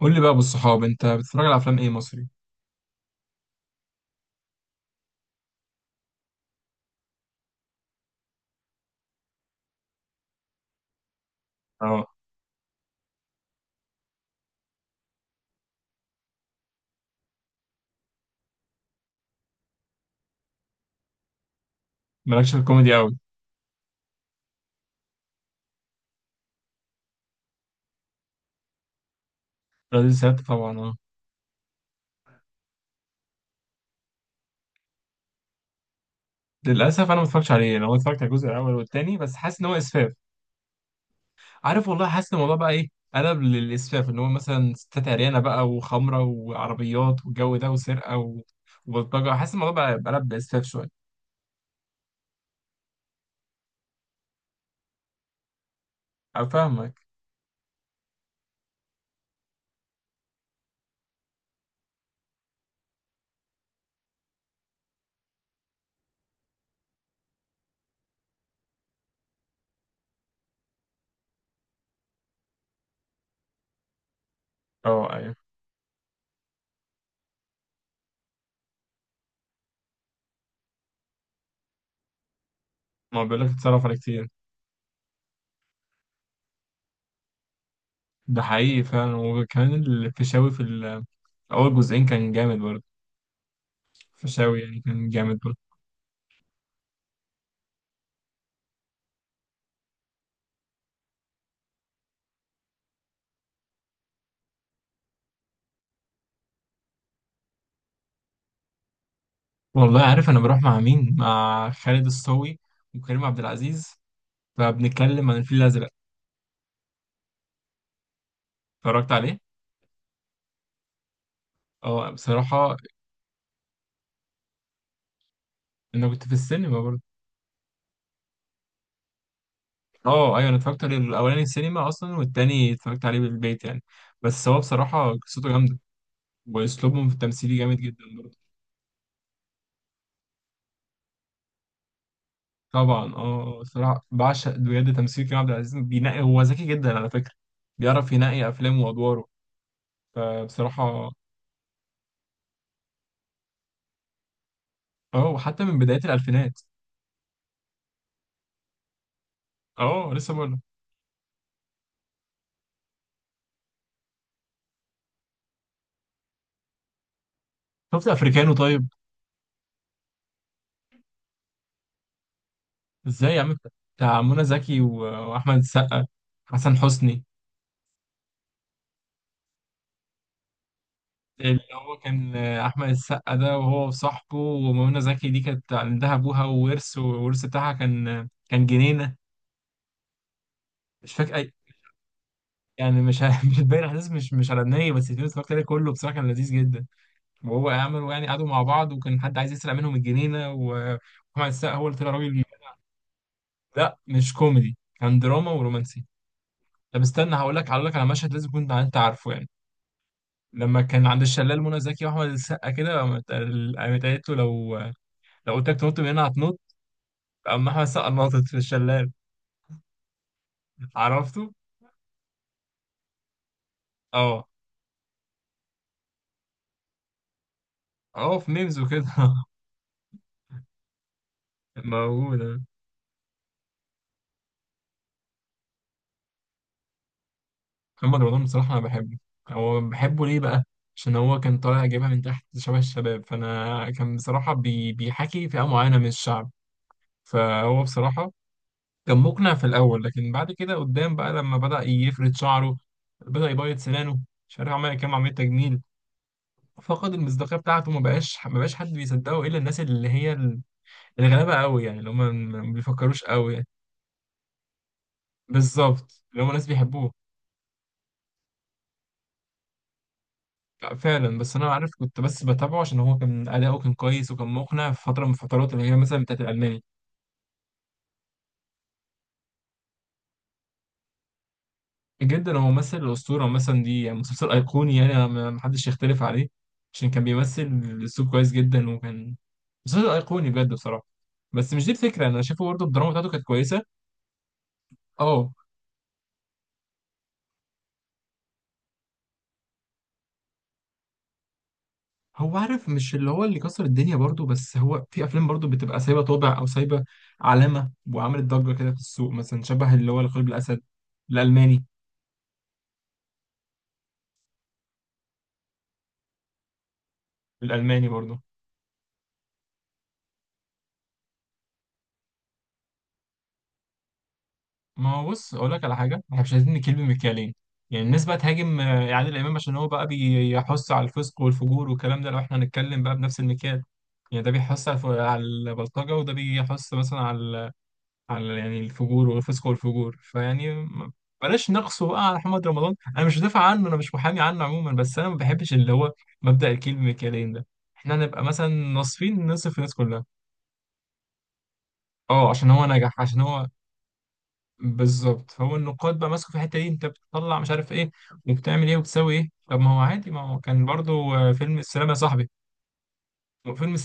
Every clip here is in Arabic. قول لي بقى بالصحاب انت بتتفرج على افلام ايه مصري؟ اه. مالكش في الكوميدي قوي؟ راجل سات طبعا، اه. للاسف انا ما اتفرجتش عليه، انا هو اتفرجت على الجزء الاول والثاني بس، حاسس ان هو اسفاف. عارف والله، حاسس ان الموضوع بقى ايه. قلب للاسفاف، ان هو مثلا ستات عريانه بقى وخمره وعربيات والجو ده وسرقه وبلطجه، حاسس الموضوع بقى قلب لاسفاف شويه. انا فاهمك. اه ايوه. ما هو بيقول لك اتصرف عليه كتير. ده حقيقي فعلا، وكمان الفيشاوي في اول جزئين كان جامد برضه، الفيشاوي يعني كان جامد برضه. والله عارف، انا بروح مع مين؟ مع خالد الصاوي وكريم عبد العزيز، فبنتكلم عن الفيل الازرق. اتفرجت عليه. اه بصراحه، انا كنت في السينما برضه. اه ايوه، انا اتفرجت عليه الاولاني السينما اصلا، والتاني اتفرجت عليه بالبيت يعني، بس هو بصراحه قصته جامده، واسلوبهم في التمثيل جامد جدا برضه. طبعا اه، بصراحه بعشق بجد تمثيل كريم عبد العزيز، بينقي، هو ذكي جدا على فكره، بيعرف ينقي افلامه وادواره، فبصراحه. اه وحتى من بدايه الالفينات. اه لسه بقول. شفت افريكانو؟ طيب، ازاي يا عم، بتاع منى زكي واحمد السقا، حسن حسني. اللي هو كان احمد السقا ده، وهو وصاحبه، ومنى زكي دي كانت عندها ابوها وورث، والورث بتاعها كان جنينه. مش فاكر اي، يعني مش ه- مش هتبين احداث، مش على النهايه، بس الفيلم اتفرجت عليه كله بصراحه، كان لذيذ جدا، وهو عملوا يعني قعدوا مع بعض، وكان حد عايز يسرق منهم الجنينه واحمد السقا هو اللي طلع راجل. لا مش كوميدي، كان دراما ورومانسي. طب استنى، هقول لك على مشهد لازم كنت انت عارفه يعني. لما كان عند الشلال منى زكي واحمد السقا كده قامت قالت له، لو قلت لك تنط من هنا هتنط، قام احمد السقا نطت في الشلال. عرفته؟ اه. اه في ميمز وكده موجود. محمد رمضان بصراحة أنا بحبه. هو بحبه ليه بقى؟ عشان هو كان طالع جايبها من تحت شبه الشباب، فأنا كان بصراحة بيحكي فئة معينة من الشعب، فهو بصراحة كان مقنع في الأول، لكن بعد كده قدام بقى لما بدأ يفرد شعره، بدأ يبيض سنانه، مش عارف عمل كام عملية تجميل، فقد المصداقيه بتاعته، ما بقاش حد بيصدقه الا الناس اللي هي الغلابه قوي، يعني اللي هم ما بيفكروش قوي يعني. بالظبط، اللي هم ناس بيحبوه. لا، فعلا بس انا عارف، كنت بس بتابعه عشان هو كان اداؤه كان كويس، وكان مقنع في فتره من الفترات، اللي هي مثلا بتاعت الالماني جدا. هو ممثل الاسطوره مثلا دي يعني، مسلسل ايقوني يعني، أنا ما حدش يختلف عليه، عشان كان بيمثل الاسلوب كويس جدا وكان، مسلسل ايقوني بجد بصراحه، بس مش دي الفكره، انا شايفه برضه الدراما بتاعته كانت كويسه. اه، هو عارف، مش اللي هو اللي كسر الدنيا برضو، بس هو في افلام برضو بتبقى سايبه طابع او سايبه علامه وعملت ضجه كده في السوق، مثلا شبه اللي هو القلب الاسد، الالماني، الالماني برضو. ما هو بص، اقول لك على حاجه، احنا مش عايزين نكيل بمكيالين، يعني الناس بقى تهاجم عادل امام عشان هو بقى بيحث على الفسق والفجور والكلام ده، لو احنا هنتكلم بقى بنفس المكيال، يعني ده بيحث على على البلطجه، وده بيحث مثلا على يعني الفجور والفسق والفجور، بلاش نقصه بقى على محمد رمضان، انا مش بدافع عنه، انا مش محامي عنه عموما، بس انا ما بحبش اللي هو مبدأ الكيل بمكيالين ده، احنا نبقى مثلا ناصفين نصف الناس كلها. اه، عشان هو نجح عشان هو بالظبط، فهو النقاد بقى ماسكه في الحته دي، انت بتطلع مش عارف ايه وبتعمل ايه وبتسوي ايه، طب ما هو عادي، ما هو كان برضو فيلم السلام يا صاحبي، فيلم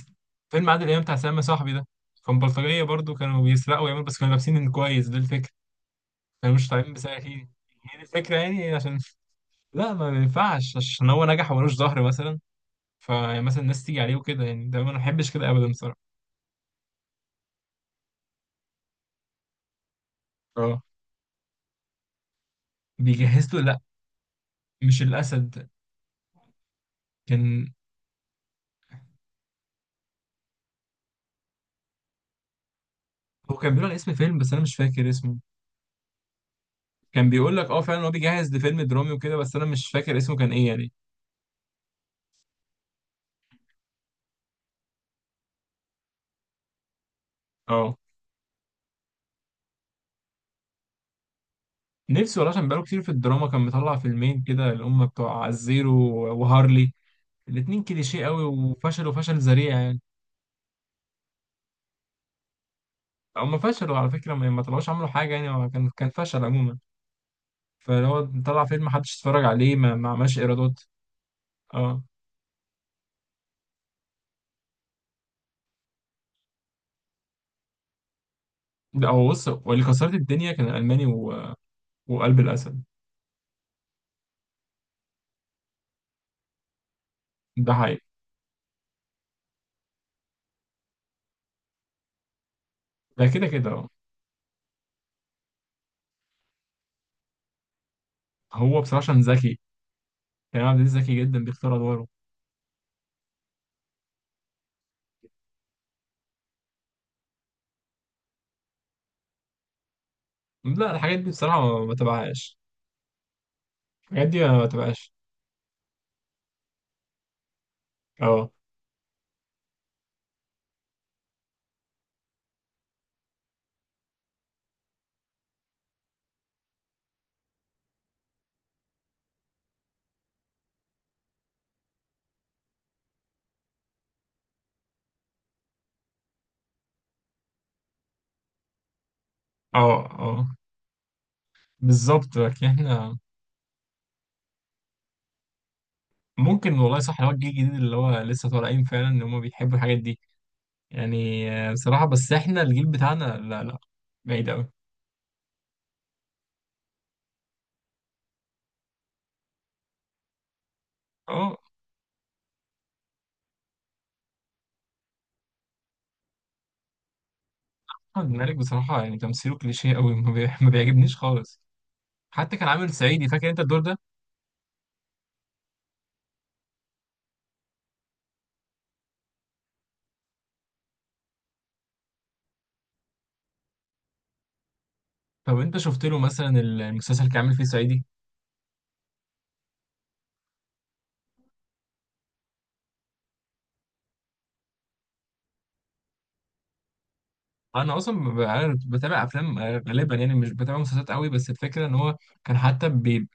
فيلم عادل امام بتاع سلام يا صاحبي ده كان بلطجيه برضو، كانوا بيسرقوا ويعملوا، بس كانوا لابسين كويس، ده الفكره، احنا مش طالعين بساخي، هي دي الفكرة يعني، عشان لا ما ينفعش عشان هو نجح وملوش ظهر مثلا، فمثلا الناس تيجي عليه وكده يعني، ده ما بحبش كده ابدا بصراحة. اه بيجهز له لا، مش الاسد، كان هو كان بيقول على اسم فيلم بس انا مش فاكر اسمه، كان بيقول لك اه فعلا هو بيجهز لفيلم درامي وكده، بس انا مش فاكر اسمه كان ايه يعني. اه، نفسي والله، عشان بقاله كتير في الدراما، كان مطلع فيلمين كده اللي هم بتوع الزيرو وهارلي، الاتنين كليشيه قوي، وفشل وفشل ذريع يعني، هم فشلوا على فكرة، ما طلعوش عملوا حاجة، يعني هو كان فشل عموما، فهو طلع فيلم محدش اتفرج عليه، ما عملش إيرادات. اه لا، هو بص، واللي كسرت الدنيا كان الألماني وقلب الأسد. ده حقيقي. ده كده كده اه. هو بصراحة عشان ذكي، كريم عبد العزيز ذكي جدا بيختار أدواره. لا الحاجات دي بصراحة ما تبعهاش، الحاجات دي ما تبعهاش. اه اه اه، بالظبط لكن احنا ممكن والله، صح اللي هو الجيل الجديد اللي هو لسه طالعين فعلا، ان هم بيحبوا الحاجات دي، يعني بصراحة بس احنا الجيل بتاعنا لا لا، بعيد أوي. اه، محمد مالك بصراحة يعني تمثيله كليشيه أوي، ما بيعجبنيش خالص، حتى كان عامل صعيدي فاكر انت الدور ده؟ طب انت شفت له مثلا المسلسل اللي كان عامل فيه صعيدي؟ انا اصلا ب- أنا بتابع افلام غالبا يعني، مش بتابع مسلسلات قوي، بس الفكره ان هو كان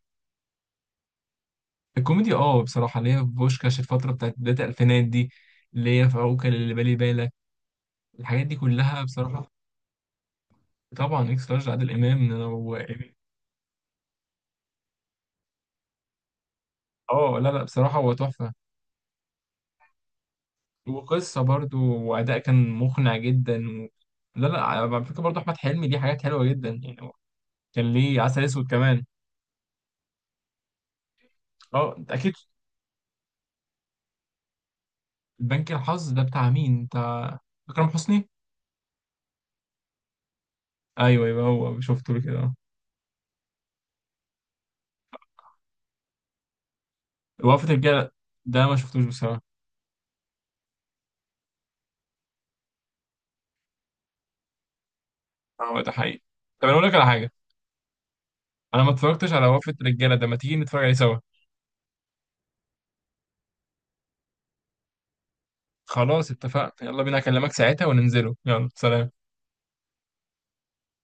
الكوميدي. اه بصراحه، اللي هي بوشكاش الفتره بتاعت بدايه الالفينات دي، اللي هي في عوكل اللي بالي بالك، الحاجات دي كلها بصراحه. طبعا، اكس لارج عادل امام اه لا لا بصراحه هو تحفه، وقصة برضو، وأداء كان مقنع جدا لا لا على فكرة برضو أحمد حلمي ليه حاجات حلوة جدا يعني، هو كان ليه عسل أسود كمان. أه أنت أكيد. بنك الحظ ده بتاع مين؟ بتاع أكرم حسني؟ أيوه أيوه، هو شفته له كده آه. وقفة الرجالة ده ما شفتوش بصراحة. أه ده حقيقي، طب أنا أقول لك على حاجة، أنا ما اتفرجتش على وقفة الرجالة ده، ما تيجي نتفرج عليه سوا. خلاص اتفقنا، يلا بينا، أكلمك ساعتها وننزله، يلا سلام.